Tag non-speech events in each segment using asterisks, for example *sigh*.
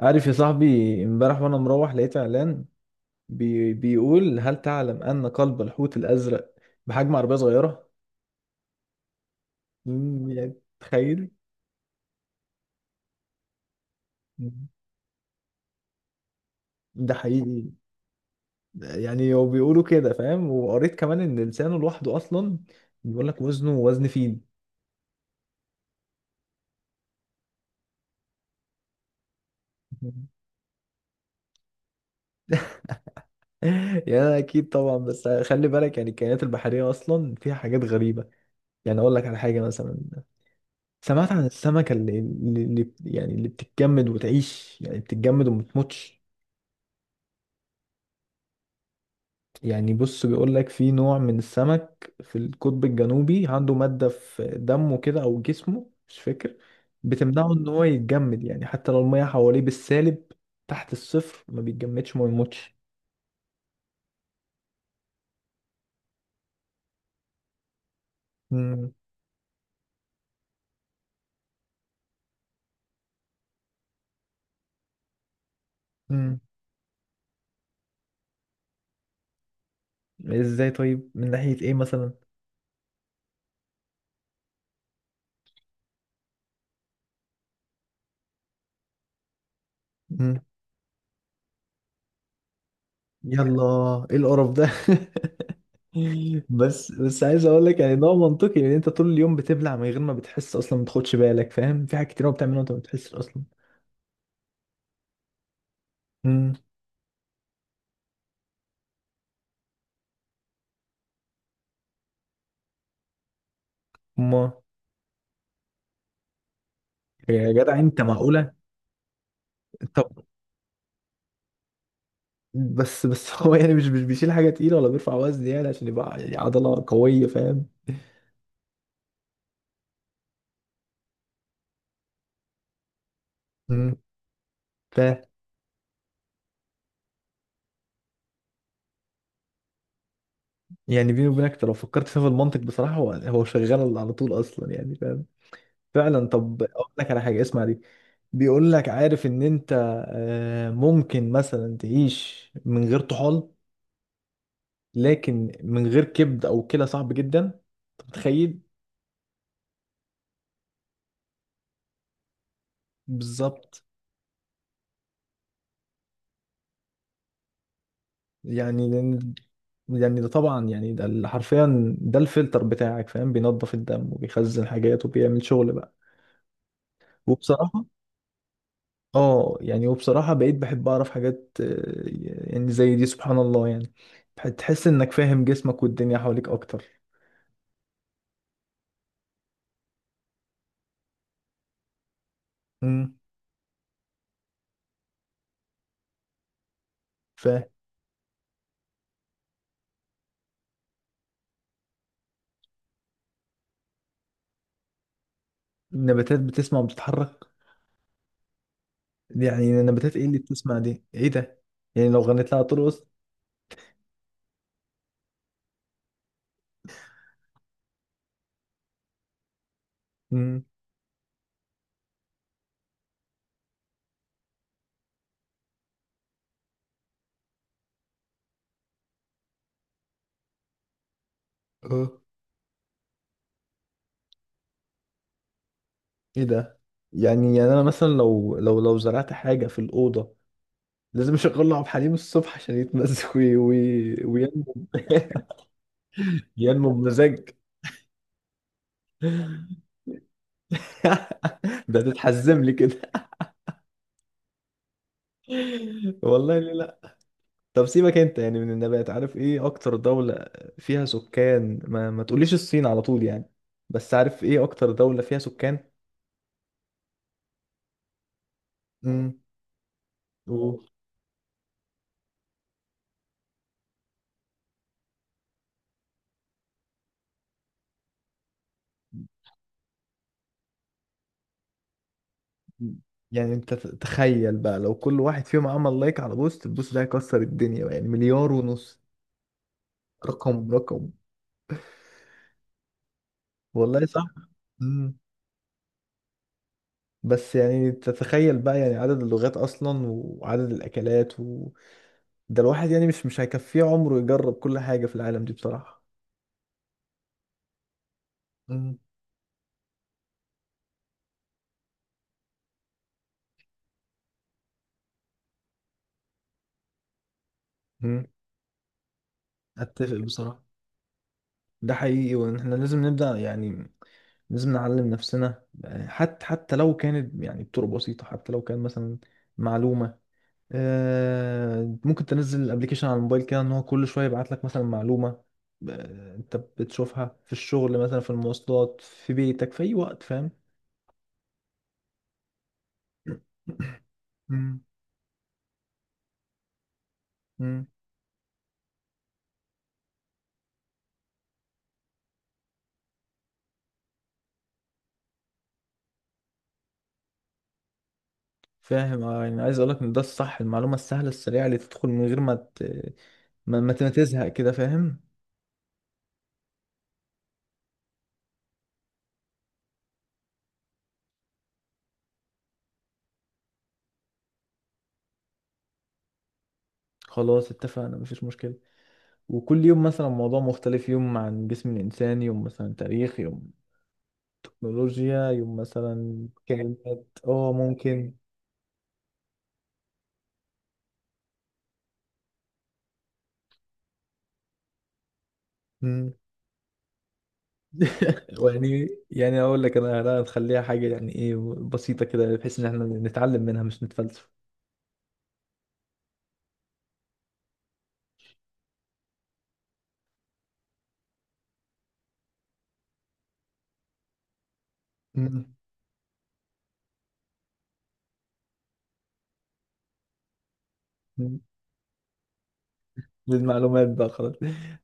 عارف يا صاحبي، امبارح وانا مروح لقيت اعلان بي بيقول هل تعلم ان قلب الحوت الازرق بحجم عربيه صغيره. يعني تخيل، ده حقيقي. يعني هو بيقولوا كده، فاهم؟ وقريت كمان ان لسانه لوحده اصلا بيقول لك وزنه وزن فيل. *laughs* يعني أنا اكيد طبعا، بس خلي بالك يعني الكائنات البحريه اصلا فيها حاجات غريبه. يعني اقول لك على حاجه مثلا، سمعت عن السمكه اللي بتتجمد وتعيش، يعني بتتجمد وما بتموتش. يعني بص، بيقول لك في نوع من السمك في القطب الجنوبي عنده مادة في دمه كده او جسمه، مش فاكر، بتمنعه ان هو يتجمد، يعني حتى لو المية حواليه بالسالب تحت الصفر ما بيتجمدش ما بيموتش. مم. مم. ازاي؟ طيب من ناحية ايه مثلا؟ مم. يلا، ايه القرف ده؟ *laughs* بس بس عايز اقول لك يعني ده منطقي لان انت طول اليوم بتبلع من غير ما بتحس اصلا، ما تاخدش بالك، فاهم؟ في حاجات كتير أوي بتعملها وانت ما بتحسش اصلا. امم. ما. يا جدع انت، معقولة؟ طب بس بس *laughs* هو يعني مش بيشيل حاجة تقيلة ولا بيرفع وزن يعني عشان يبقى يعني عضلة قوية، فاهم؟ مم. ف، يعني بيني وبينك أنت لو فكرت فيها بالمنطق، بصراحة هو شغال على طول أصلا يعني، فاهم؟ فعلا. طب أقول لك على حاجة، اسمع دي. بيقول لك عارف إن أنت ممكن مثلا تعيش من غير طحال، لكن من غير كبد أو كلى صعب جدا. أنت متخيل؟ بالظبط. يعني لأن- يعني ده طبعا يعني ده ال- حرفيا ده الفلتر بتاعك، فاهم؟ بينظف الدم وبيخزن حاجات وبيعمل شغل بقى. وبصراحة، اه يعني وبصراحة بقيت بحب اعرف حاجات يعني زي دي، سبحان الله يعني. بح- تحس انك فاهم جسمك والدنيا حواليك اكتر. امم. فاهم. النباتات بتسمع وبتتحرك؟ يعني النباتات ايه اللي بتسمع دي؟ ايه ده؟ يعني لو غنيت لها ترقص؟ امم. اه. ايه ده! يعني يعني انا مثلا لو لو زرعت حاجة في الأوضة لازم اشغل له عبد الحليم الصبح عشان يتمزج، *laughs* وينمو. *laughs* ينمو بمزاج. *laughs* ده تتحزم لي كده؟ *laughs* والله ليه لا. طب سيبك انت يعني من النبات، عارف ايه اكتر دولة فيها سكان؟ ما تقوليش الصين على طول يعني. بس عارف ايه اكتر دولة فيها سكان؟ امم. و... يعني انت ت- تخيل بقى لو كل واحد فيهم عمل لايك على بوست، البوست ده هيكسر الدنيا بقى، يعني مليار ونص. رقم. رقم. والله صح. بس يعني تتخيل بقى يعني عدد اللغات اصلا وعدد الاكلات و... ده الواحد يعني مش هيكفيه عمره يجرب كل حاجة في العالم دي بصراحة. مم. مم. اتفق بصراحة، ده حقيقي، وان احنا لازم نبدأ يعني. لازم نعلم نفسنا، يعني حتى حتى لو كانت يعني بطرق بسيطة، حتى لو كان مثلا معلومة ممكن تنزل الابليكيشن على الموبايل كده ان هو كل شوية يبعت لك مثلا معلومة انت بتشوفها في الشغل مثلا، في المواصلات، في بيتك، في اي وقت، فاهم؟ مم. مم. فاهم، اه. يعني عايز اقول لك ان ده الصح، المعلومه السهله السريعه اللي تدخل من غير ما ت... ما ما تزهق كده، فاهم؟ خلاص اتفقنا، مفيش مشكله. وكل يوم مثلا موضوع مختلف، يوم عن جسم الانسان، يوم مثلا تاريخ، يوم تكنولوجيا، يوم مثلا كائنات، اه ممكن. مم. *laughs* ويعني يعني اقول لك انا، أنا هنخليها حاجه يعني ايه، بسيطه كده بحيث ان احنا نتعلم منها مش نتفلسف. مم. للمعلومات بقى خلاص.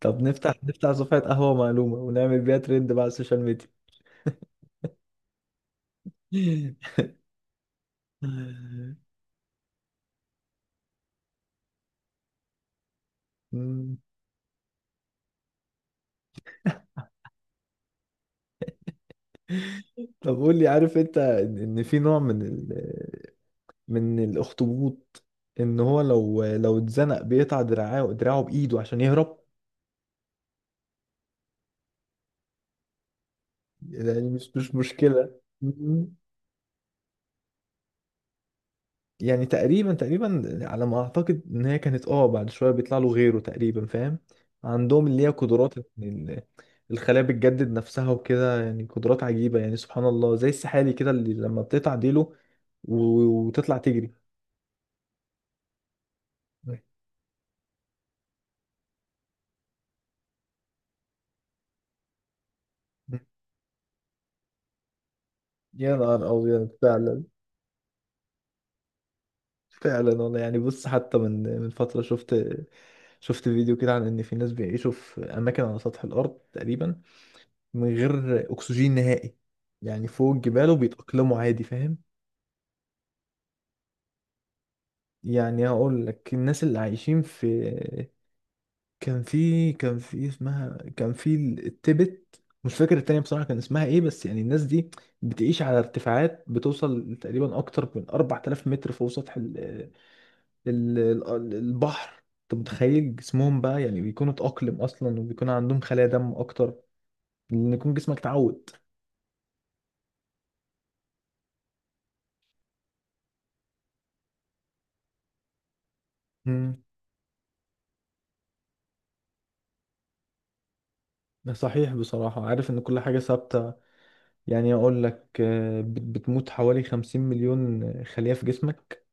طب نفتح صفحة قهوة معلومة ونعمل بيها ترند بقى على السوشيال ميديا. *laughs* مم. طب قول لي، عارف انت ان، إن في نوع من ال... من الاخطبوط ان هو لو اتزنق بيقطع دراعه، دراعه بايده عشان يهرب؟ يعني مش مشكلة. يعني تقريبا تقريبا على ما اعتقد ان هي كانت، اه بعد شويه بيطلع له غيره تقريبا، فاهم؟ عندهم اللي هي قدرات إن ال- الخلايا بتجدد نفسها وكده، يعني قدرات عجيبه يعني، سبحان الله، زي السحالي كده اللي لما بتقطع ديله وتطلع تجري. يا نهار ابيض، فعلا. فعلا والله. يعني بص، حتى من فتره شفت شفت فيديو كده عن ان في ناس بيعيشوا في اماكن على سطح الارض تقريبا من غير اكسجين نهائي، يعني فوق الجبال، وبيتاقلموا عادي، فاهم؟ يعني هقول لك الناس اللي عايشين في، كان في اسمها، كان في التبت، مش فاكر التانية بصراحة كان اسمها ايه. بس يعني الناس دي بتعيش على ارتفاعات بتوصل تقريبا اكتر من 4000 متر فوق سطح ال ال البحر. انت متخيل؟ جسمهم بقى يعني بيكونوا اتأقلم اصلا وبيكون عندهم خلايا دم اكتر، لان يكون جسمك اتعود. مم. ده صحيح بصراحة. عارف ان كل حاجة ثابتة، يعني اقول لك بت- بتموت حوالي 50 مليون خلية في جسمك،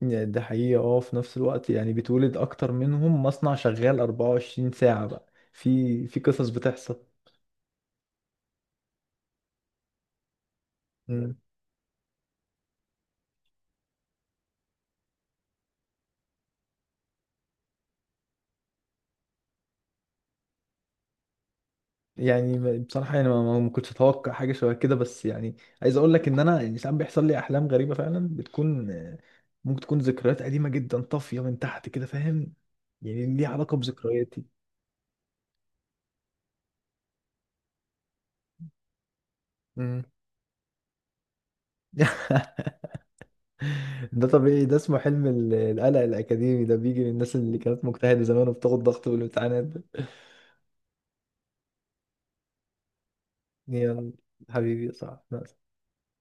يعني ده حقيقة. اه، في نفس الوقت يعني بيتولد أكتر منهم، مصنع شغال 24 ساعة بقى. في في قصص بتحصل. مم. يعني ب- بصراحة يعني ما ما- ما كنتش أتوقع حاجة شبه كده، بس يعني عايز أقول لك إن أنا يعني ساعات بيحصل لي أحلام غريبة فعلا، بتكون ممكن تكون ذكريات قديمة جدا طافية من تحت كده، فاهم؟ يعني ليها علاقة بذكرياتي. مم. *laughs* ده طبيعي، ده اسمه حلم ال- القلق الأكاديمي، ده بيجي للناس اللي كانت مجتهدة زمان وبتاخد ضغط بالامتحانات ده. يلا حبيبي، صح، نعم.